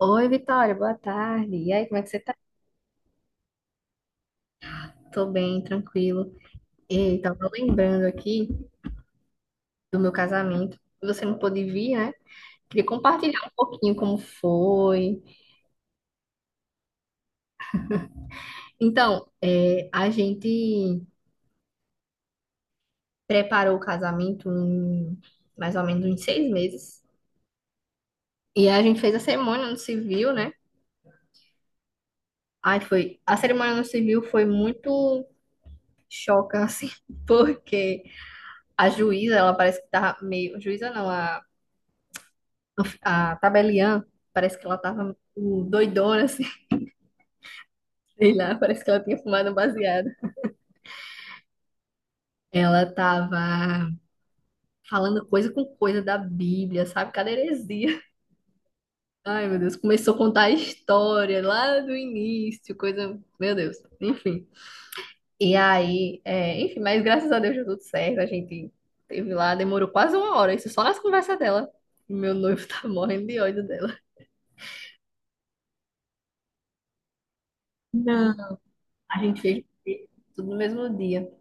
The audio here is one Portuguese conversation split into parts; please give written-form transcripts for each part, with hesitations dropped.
Oi, Vitória, boa tarde. E aí, como é que você tá? Tô bem, tranquilo. E tava lembrando aqui do meu casamento. Você não pôde vir, né? Queria compartilhar um pouquinho como foi. Então, a gente preparou o casamento em mais ou menos uns 6 meses. E a gente fez a cerimônia no civil, né? Ai, foi. A cerimônia no civil foi muito choca, assim, porque a juíza, ela parece que tava meio. Juíza não, a tabeliã, parece que ela tava doidona, assim, sei lá, parece que ela tinha fumado um baseado. Ela tava falando coisa com coisa da Bíblia, sabe? Cada heresia. Ai, meu Deus, começou a contar a história lá do início, coisa. Meu Deus, enfim. E aí, enfim, mas graças a Deus deu tudo certo. A gente teve lá, demorou quase uma hora, isso só nas conversas dela. Meu noivo tá morrendo de ódio dela. Não. A gente fez tudo no mesmo dia.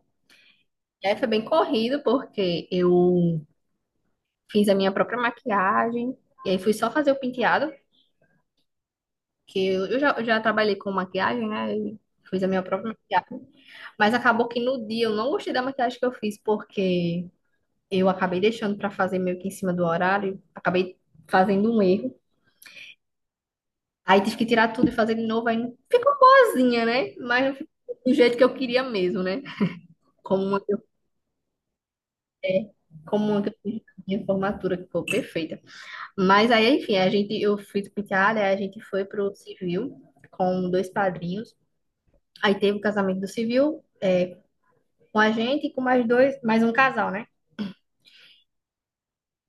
E aí foi bem corrido, porque eu fiz a minha própria maquiagem, e aí fui só fazer o penteado, que eu já trabalhei com maquiagem, né? E fiz a minha própria maquiagem. Mas acabou que no dia eu não gostei da maquiagem que eu fiz, porque eu acabei deixando pra fazer meio que em cima do horário, acabei fazendo um erro. Aí tive que tirar tudo e fazer de novo, aí não- ficou boazinha, né? Mas não ficou do jeito que eu queria mesmo, né? Como uma, que eu- Como uma que eu fiz na minha formatura, que foi perfeita. Mas aí, enfim, a gente, eu fiz penteada, aí a gente foi pro civil com dois padrinhos. Aí teve o casamento do civil, é, com a gente e com mais dois, mais um casal, né?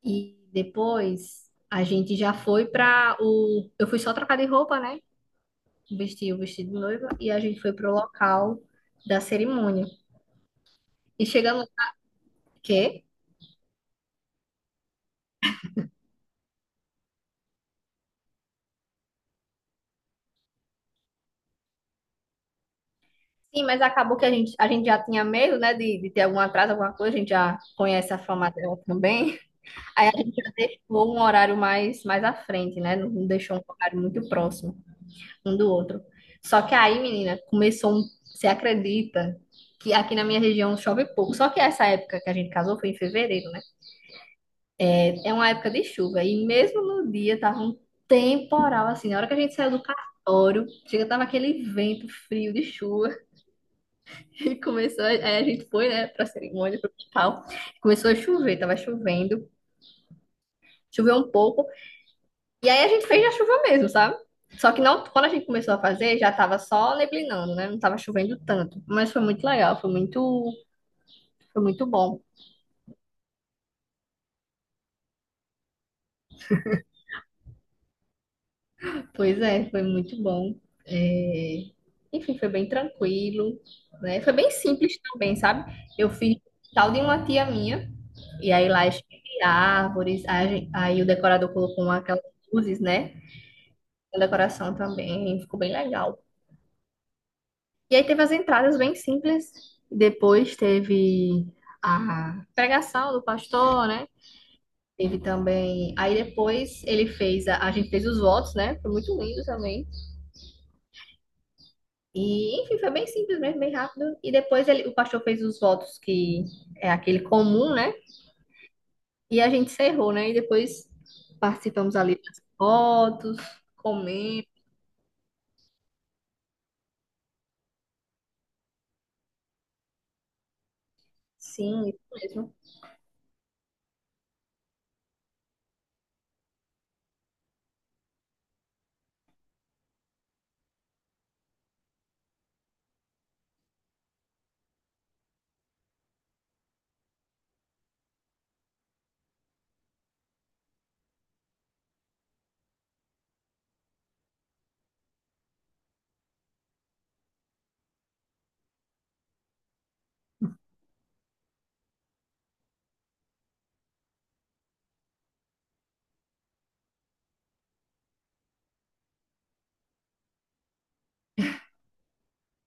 E depois a gente já foi pra o. Eu fui só trocar de roupa, né? Vestir o vestido de noiva e a gente foi pro local da cerimônia. E chegando. Quê? Sim, mas acabou que a gente já tinha medo, né, de ter algum atraso, alguma coisa, a gente já conhece a forma dela também. Aí a gente já deixou um horário mais, mais à frente, né? Não deixou um horário muito próximo um do outro. Só que aí, menina, começou um. Você acredita que aqui na minha região chove pouco? Só que essa época que a gente casou foi em fevereiro, né? É uma época de chuva. E mesmo no dia tava um temporal, assim. Na hora que a gente saiu do cartório, chega, tava aquele vento frio de chuva. E começou. Aí a gente foi, né, pra cerimônia, pro hospital. Começou a chover, tava chovendo. Choveu um pouco. E aí a gente fez na chuva mesmo, sabe? Só que não, quando a gente começou a fazer, já tava só neblinando, né? Não tava chovendo tanto. Mas foi muito legal, foi muito bom. Pois é, foi muito bom. É, enfim, foi bem tranquilo, né? Foi bem simples também, sabe? Eu fiz tal de uma tia minha, e aí lá escrevi árvores, aí, aí o decorador colocou aquelas luzes, né? Na decoração também, ficou bem legal. E aí teve as entradas bem simples. Depois teve a pregação do pastor, né? Teve também. Aí depois ele fez. A gente fez os votos, né? Foi muito lindo também. E, enfim, foi bem simples mesmo, bem rápido. E depois ele, o pastor fez os votos, que é aquele comum, né? E a gente encerrou, né? E depois participamos ali das fotos, comendo. Sim, isso mesmo.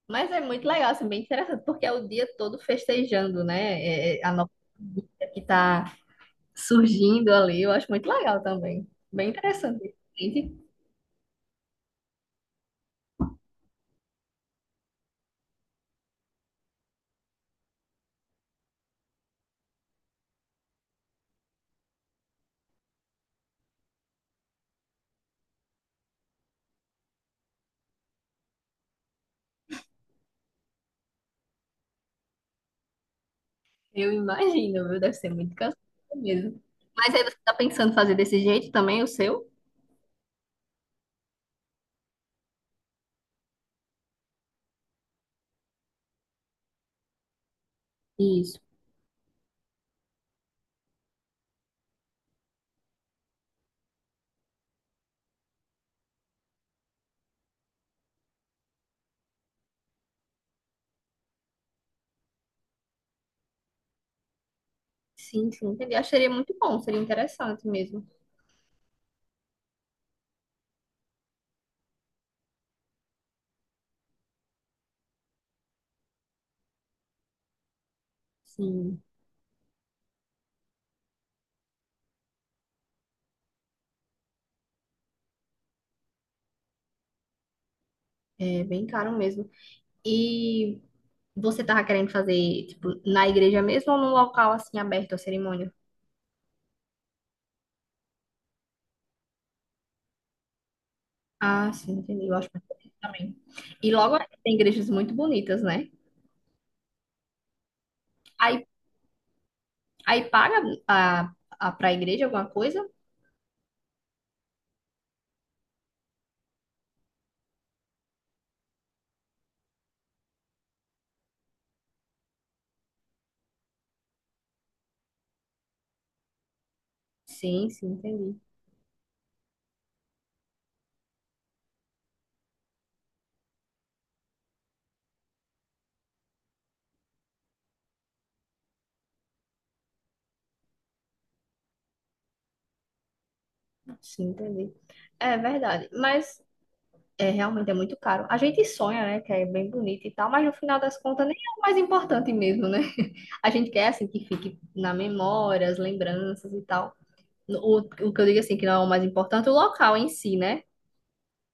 Mas é muito legal, assim, bem interessante, porque é o dia todo festejando, né? É, é, a nova vida que tá surgindo ali, eu acho muito legal também. Bem interessante. Gente, eu imagino, viu? Deve ser muito cansativo mesmo. Mas aí você tá pensando fazer desse jeito também, o seu? Isso. Sim, sim, entendi. Acho que seria muito bom, seria interessante mesmo. Sim, é bem caro mesmo. E você tava querendo fazer, tipo, na igreja mesmo ou num local, assim, aberto a cerimônia? Ah, sim, entendi. Eu acho muito bonito também. E logo tem igrejas muito bonitas, né? Aí, aí paga a, a, para a igreja alguma coisa? Sim, sim, entendi. Sim, entendi. É verdade. Mas é, realmente é muito caro. A gente sonha, né? Que é bem bonito e tal, mas no final das contas nem é o mais importante mesmo, né? A gente quer assim que fique na memória, as lembranças e tal. O que eu digo assim, que não é o mais importante, o local em si, né?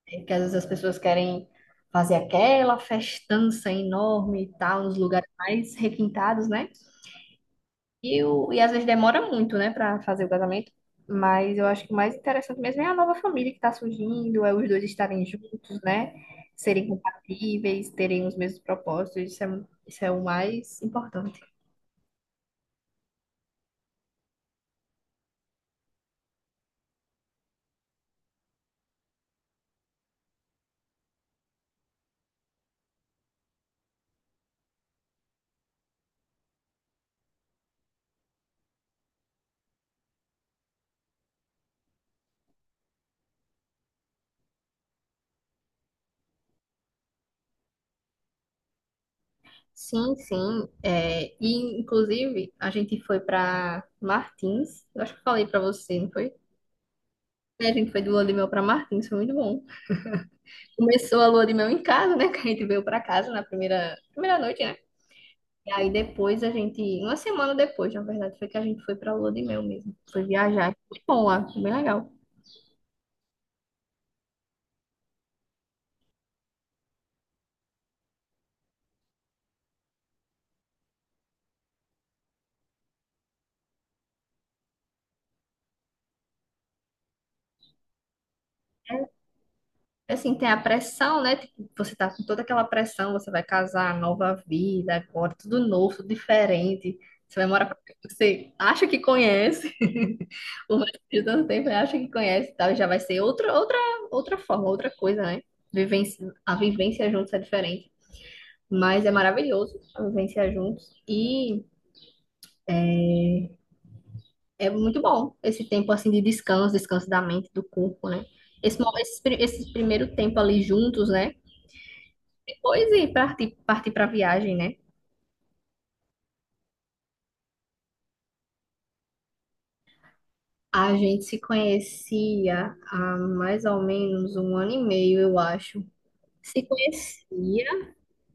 É que às vezes as pessoas querem fazer aquela festança enorme e tal, nos lugares mais requintados, né? E às vezes demora muito, né, pra fazer o casamento. Mas eu acho que o mais interessante mesmo é a nova família que tá surgindo, é os dois estarem juntos, né? Serem compatíveis, terem os mesmos propósitos, isso é o mais importante. Sim, sim. É, e, inclusive, a gente foi pra Martins, eu acho que eu falei pra você, não foi? É, a gente foi do Lua de Mel pra Martins, foi muito bom. Começou a lua de mel em casa, né? Que a gente veio pra casa na primeira noite, né? E aí depois a gente, uma semana depois, na verdade, foi que a gente foi pra lua de mel mesmo. Foi viajar. Foi bom lá, foi bem legal. Assim, tem a pressão, né? Tipo, você tá com toda aquela pressão, você vai casar, nova vida, agora tudo novo, tudo diferente. Você vai morar pra... Você acha que conhece, o mais de tanto tempo, né? Acha que conhece e tal, e já vai ser outra, outra, outra forma, outra coisa, né? Vivência, a vivência juntos é diferente. Mas é maravilhoso vivenciar juntos. E é muito bom esse tempo assim de descanso, descanso da mente, do corpo, né? Esse primeiro tempo ali juntos, né? Depois e partir para viagem, né? A gente se conhecia há mais ou menos um ano e meio, eu acho. Se conhecia,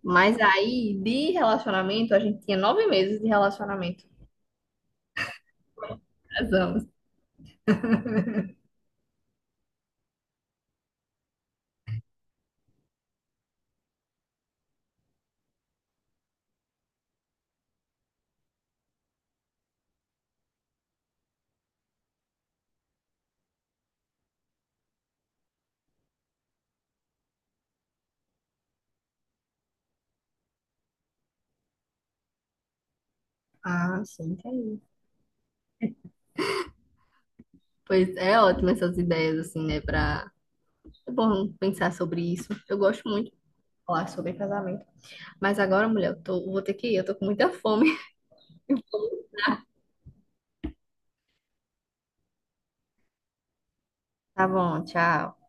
mas aí de relacionamento, a gente tinha 9 meses de relacionamento. Casamos. Ah, sim, entendi. Pois é ótimo essas ideias, assim, né? Pra é bom pensar sobre isso. Eu gosto muito de falar sobre casamento. Mas agora, mulher, eu tô, vou ter que ir. Eu tô com muita fome. Tá bom, tchau.